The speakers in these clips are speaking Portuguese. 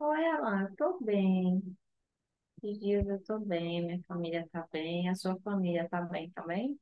Oi, Alan, tô bem. Esses dias eu tô bem, minha família tá bem, a sua família tá bem também?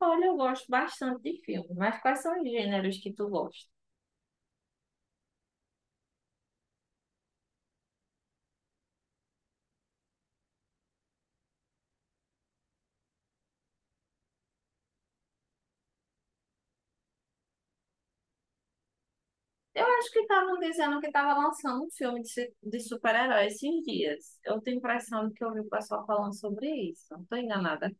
Olha, eu gosto bastante de filmes, mas quais são os gêneros que tu gosta? Eu acho que estavam dizendo que estava lançando um filme de super-herói esses dias. Eu tenho a impressão de que eu vi o pessoal falando sobre isso, não tô enganada.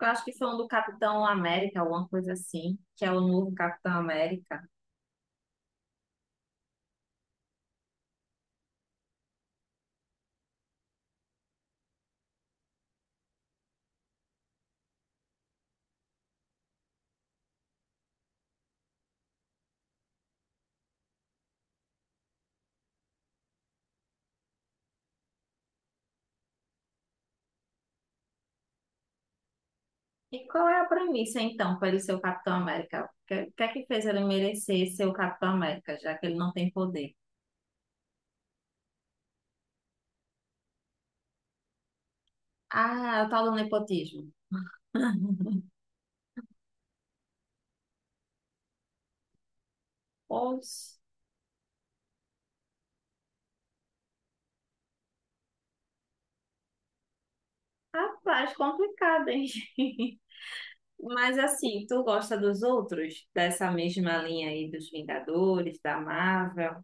Eu acho que foi um do Capitão América, alguma coisa assim, que é o novo Capitão América. E qual é a premissa, então, para ele ser o Capitão América? O que é que fez ele merecer ser o Capitão América, já que ele não tem poder? Ah, o tal do nepotismo. Poxa, rapaz, complicado, hein? Mas assim, tu gosta dos outros? Dessa mesma linha aí dos Vingadores, da Marvel?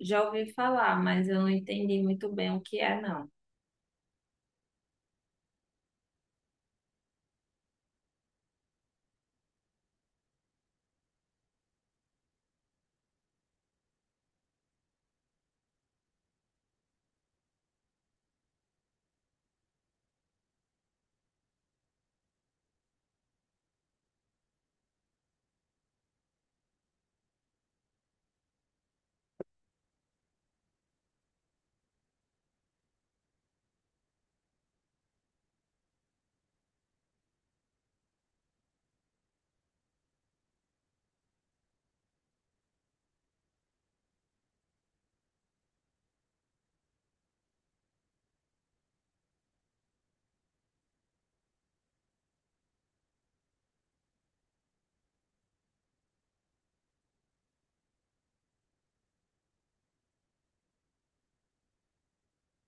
Já ouvi falar, mas eu não entendi muito bem o que é, não.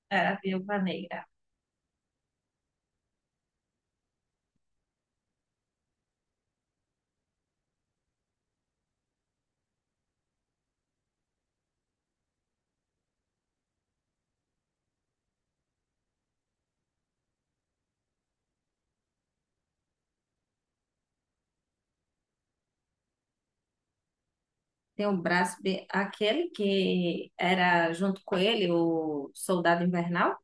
Era a Viúva Negra. Tem o braço, de- aquele que era junto com ele, o Soldado Invernal?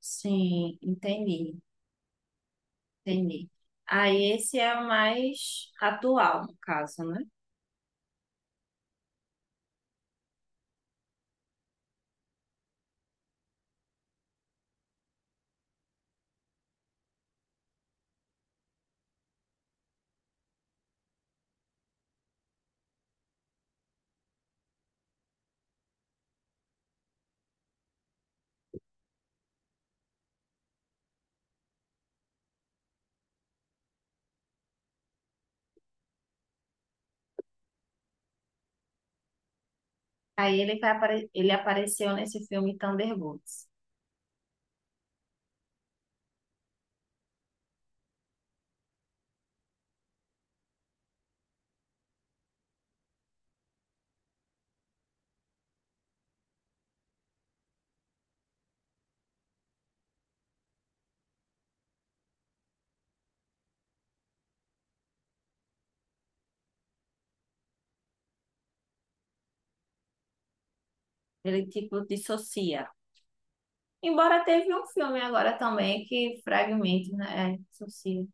Sim, entendi, entendi. Aí esse é o mais atual, no caso, né? Aí ele vai apare... ele apareceu nesse filme Thunderbolts. Ele tipo dissocia. Embora teve um filme agora também que fragmento, né? É, dissocia.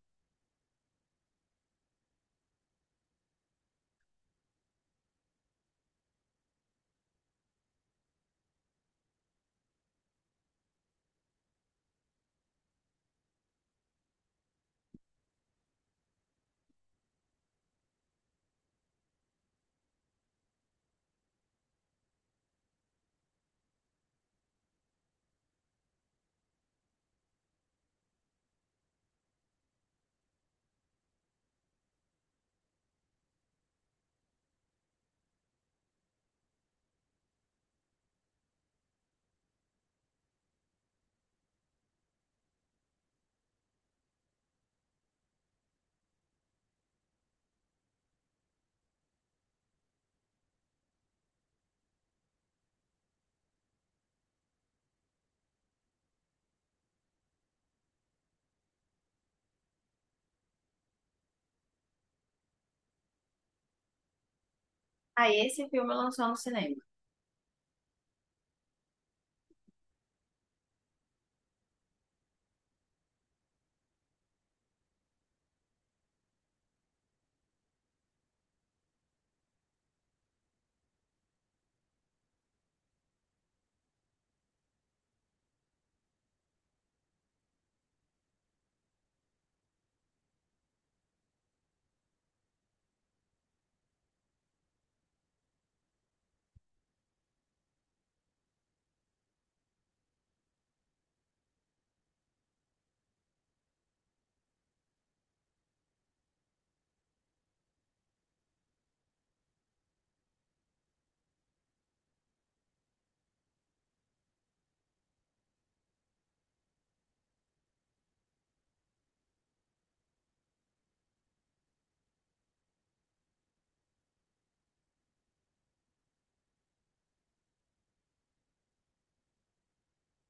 Aí esse filme lançou no cinema.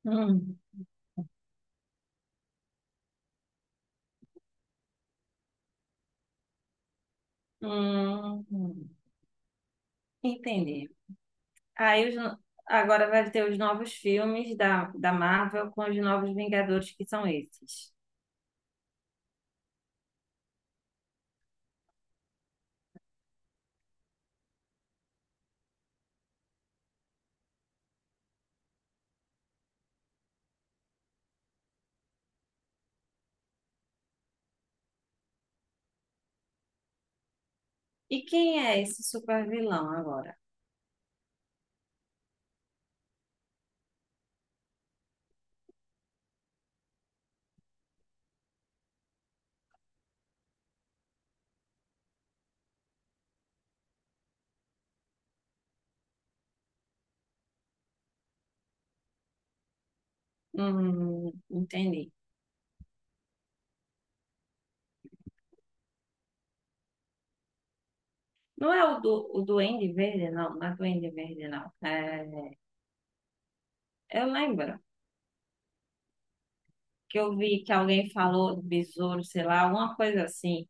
Hum, hum, hum. Entendi. Aí os no- agora vai ter os novos filmes da Marvel com os novos Vingadores, que são esses. E quem é esse super vilão agora? Entendi. Não é o Duende Verde, não. Não é Duende Verde, não. É, eu lembro que eu vi que alguém falou do besouro, sei lá, alguma coisa assim.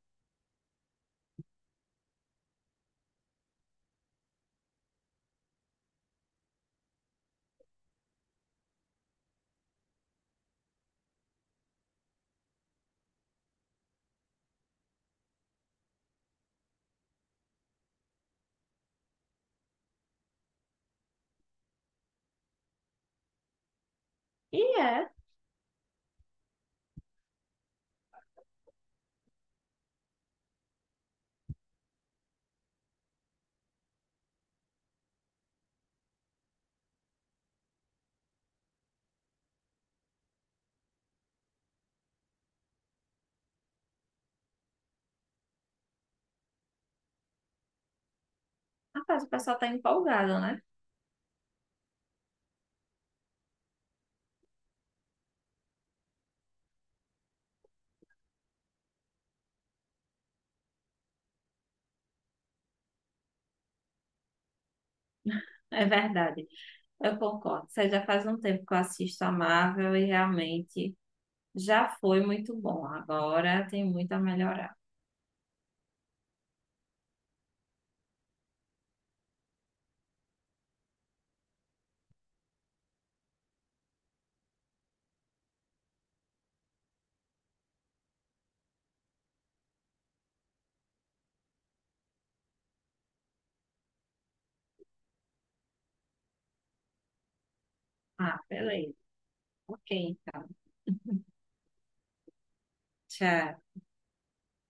E é. Rapaz, o pessoal tá empolgado, né? É verdade. Eu concordo. Você já faz um tempo que eu assisto a Marvel e realmente já foi muito bom. Agora tem muito a melhorar. Ah, beleza. Ok, então. Tchau.